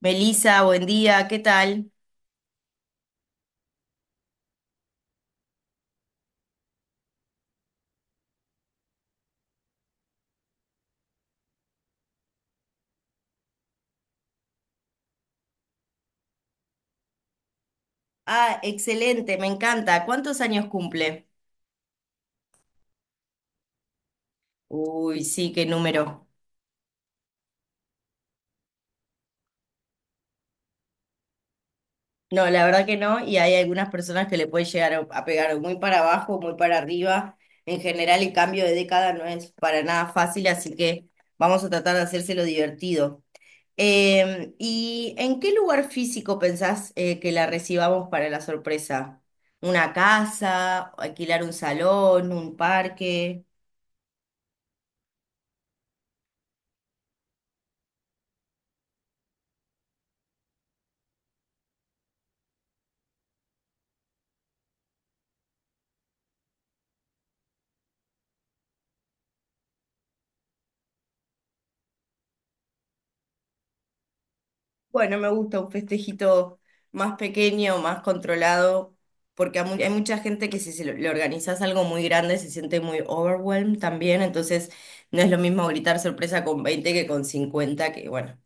Belisa, buen día, ¿qué tal? Ah, excelente, me encanta. ¿Cuántos años cumple? Uy, sí, qué número. No, la verdad que no, y hay algunas personas que le puede llegar a pegar muy para abajo, muy para arriba. En general, el cambio de década no es para nada fácil, así que vamos a tratar de hacérselo divertido. ¿Y en qué lugar físico pensás que la recibamos para la sorpresa? ¿Una casa? ¿Alquilar un salón? ¿Un parque? Bueno, me gusta un festejito más pequeño, más controlado, porque hay mucha gente que si se lo- le organizas algo muy grande se siente muy overwhelmed también, entonces no es lo mismo gritar sorpresa con 20 que con 50. Que bueno,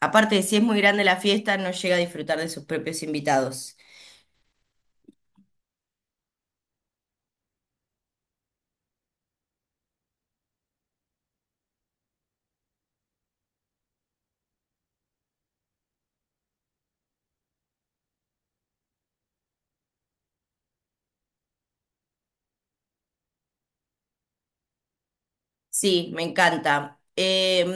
aparte si es muy grande la fiesta, no llega a disfrutar de sus propios invitados. Sí, me encanta.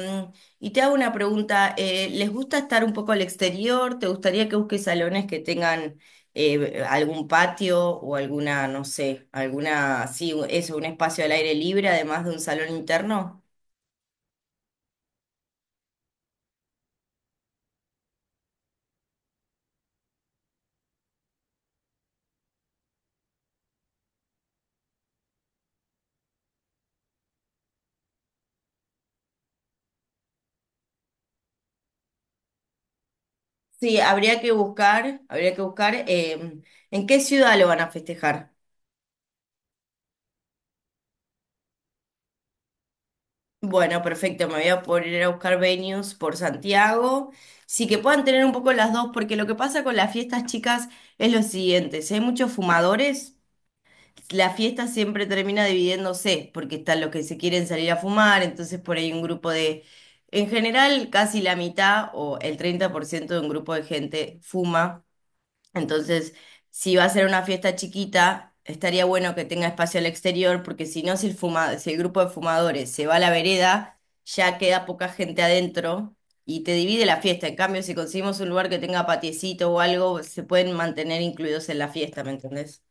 Y te hago una pregunta, ¿les gusta estar un poco al exterior? ¿Te gustaría que busques salones que tengan algún patio o alguna, no sé, alguna, sí, eso, un espacio al aire libre además de un salón interno? Sí, habría que buscar en qué ciudad lo van a festejar. Bueno, perfecto, me voy a poner a buscar venues por Santiago. Sí, que puedan tener un poco las dos, porque lo que pasa con las fiestas chicas es lo siguiente, si hay muchos fumadores, la fiesta siempre termina dividiéndose, porque están los que se quieren salir a fumar, entonces por ahí un grupo de, en general, casi la mitad o el 30% de un grupo de gente fuma entonces, si va a ser una fiesta chiquita, estaría bueno que tenga espacio al exterior, porque si no, si el grupo de fumadores se va a la vereda, ya queda poca gente adentro y te divide la fiesta. En cambio, si conseguimos un lugar que tenga patiecito o algo, se pueden mantener incluidos en la fiesta, ¿me entendés?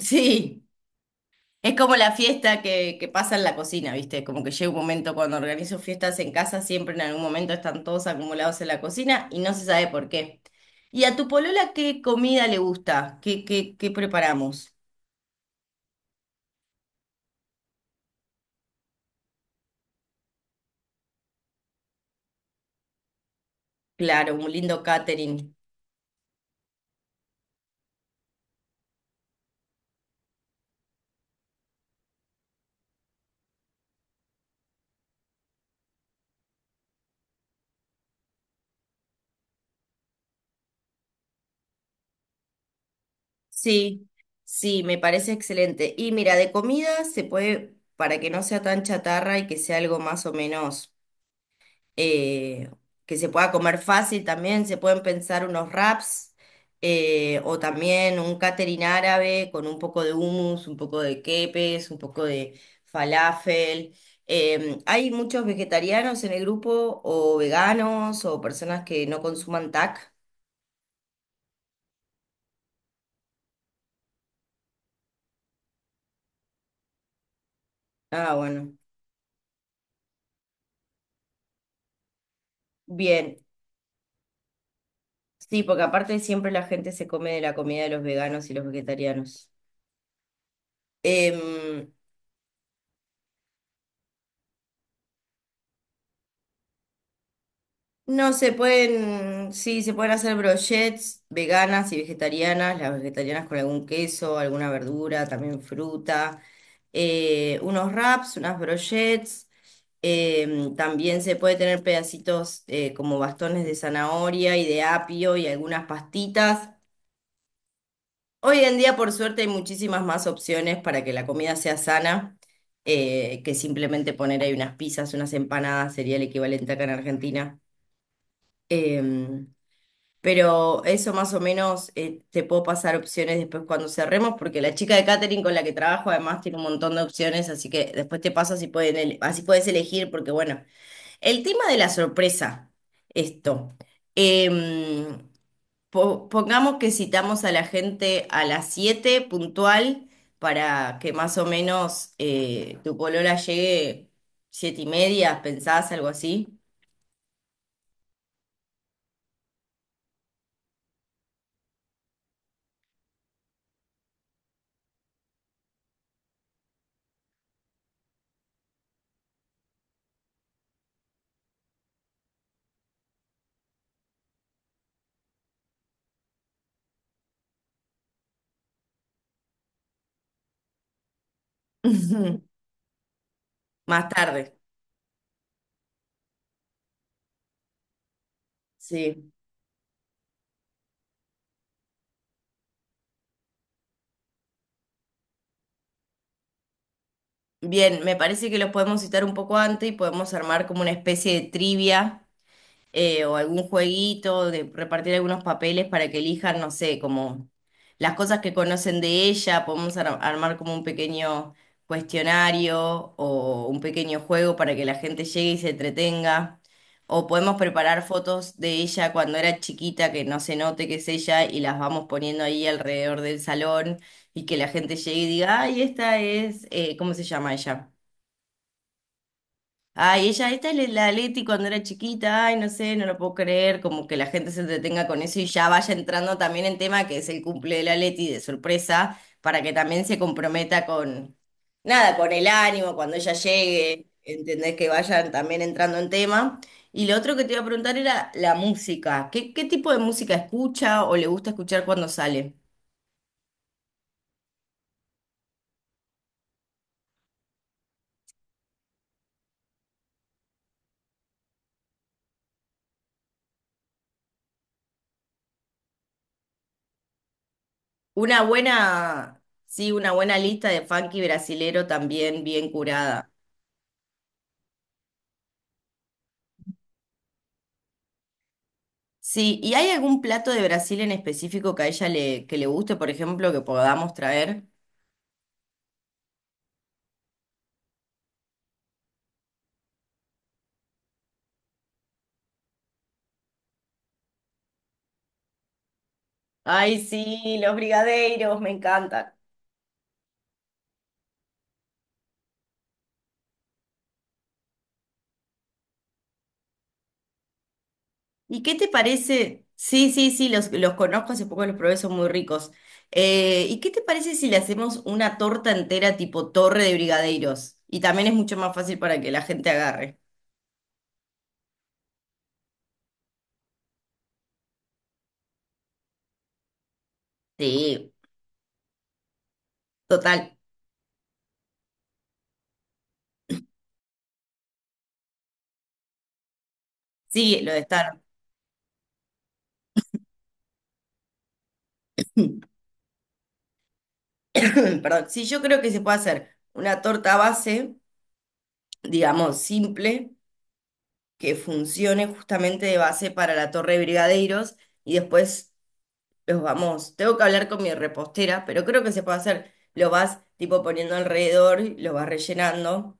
Sí. Es como la fiesta que pasa en la cocina, ¿viste? Como que llega un momento cuando organizo fiestas en casa, siempre en algún momento están todos acumulados en la cocina y no se sabe por qué. ¿Y a tu polola qué comida le gusta? ¿Qué preparamos? Claro, un lindo catering. Sí, sí, me parece excelente. Y mira, de comida se puede, para que no sea tan chatarra y que sea algo más o menos eh, que se pueda comer fácil también, se pueden pensar unos wraps o también un catering árabe con un poco de hummus, un poco de quepes, un poco de falafel. Hay muchos vegetarianos en el grupo o veganos o personas que no consuman TAC. Ah, bueno. Bien. Sí, porque aparte siempre la gente se come de la comida de los veganos y los vegetarianos. Em, No, se pueden, sí, se pueden hacer brochets veganas y vegetarianas, las vegetarianas con algún queso, alguna verdura, también fruta, unos wraps, unas brochets también se puede tener pedacitos como bastones de zanahoria y de apio y algunas pastitas. Hoy en día, por suerte, hay muchísimas más opciones para que la comida sea sana, que simplemente poner ahí unas pizzas, unas empanadas, sería el equivalente acá en Argentina. Em, Pero eso más o menos te puedo pasar opciones después cuando cerremos, porque la chica de catering con la que trabajo además tiene un montón de opciones, así que después te paso así así puedes elegir, porque bueno, el tema de la sorpresa, esto. Em, Pongamos que citamos a la gente a las 7 puntual para que más o menos tu polola llegue siete y media, ¿pensás algo así? Más tarde, sí. Bien, me parece que los podemos citar un poco antes y podemos armar como una especie de trivia o algún jueguito, de repartir algunos papeles para que elijan, no sé, como las cosas que conocen de ella, podemos armar como un pequeño cuestionario o un pequeño juego para que la gente llegue y se entretenga, o podemos preparar fotos de ella cuando era chiquita, que no se note que es ella y las vamos poniendo ahí alrededor del salón y que la gente llegue y diga, ay, esta es, ¿cómo se llama ella? Ay, ella, esta es la Leti cuando era chiquita, ay, no sé, no lo puedo creer, como que la gente se entretenga con eso y ya vaya entrando también en tema que es el cumple de la Leti de sorpresa, para que también se comprometa con, nada, con el ánimo cuando ella llegue, entendés que vayan también entrando en tema. Y lo otro que te iba a preguntar era la música, ¿qué tipo de música escucha o le gusta escuchar cuando sale? Una buena, sí, una buena lista de funky brasilero también bien curada. Sí, ¿y hay algún plato de Brasil en específico que a ella le, que le guste, por ejemplo, que podamos traer? Ay, sí, los brigadeiros, me encantan. ¿Y qué te parece? Sí, sí, sí, los conozco, hace poco los probé, son muy ricos. ¿Y qué te parece si le hacemos una torta entera tipo torre de brigadeiros? Y también es mucho más fácil para que la gente agarre. Sí, total. Sí, lo de estar. Perdón. Sí, yo creo que se puede hacer una torta base, digamos, simple. Que funcione justamente de base para la Torre de Brigadeiros y después los vamos. Tengo que hablar con mi repostera, pero creo que se puede hacer. Lo vas tipo poniendo alrededor, lo vas rellenando,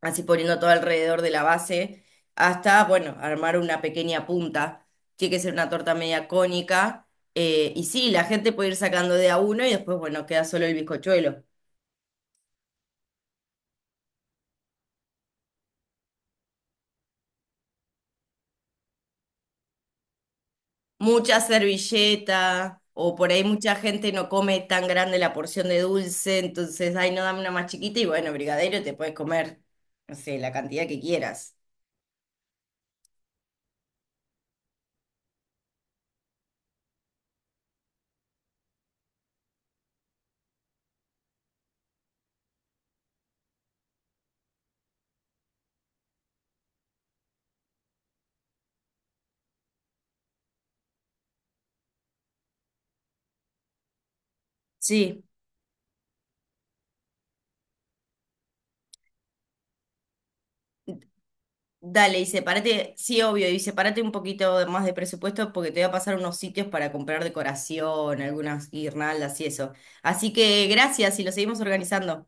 así poniendo todo alrededor de la base, hasta, bueno, armar una pequeña punta. Tiene que ser una torta media cónica. Y sí, la gente puede ir sacando de a uno y después, bueno, queda solo el bizcochuelo. Mucha servilleta, o por ahí mucha gente no come tan grande la porción de dulce, entonces, ay, no, dame una más chiquita, y bueno, brigadero, te puedes comer, no sé, la cantidad que quieras. Sí, dale, y sepárate, sí, obvio, y sepárate un poquito más de presupuesto porque te voy a pasar unos sitios para comprar decoración, algunas guirnaldas y eso. Así que gracias y lo seguimos organizando.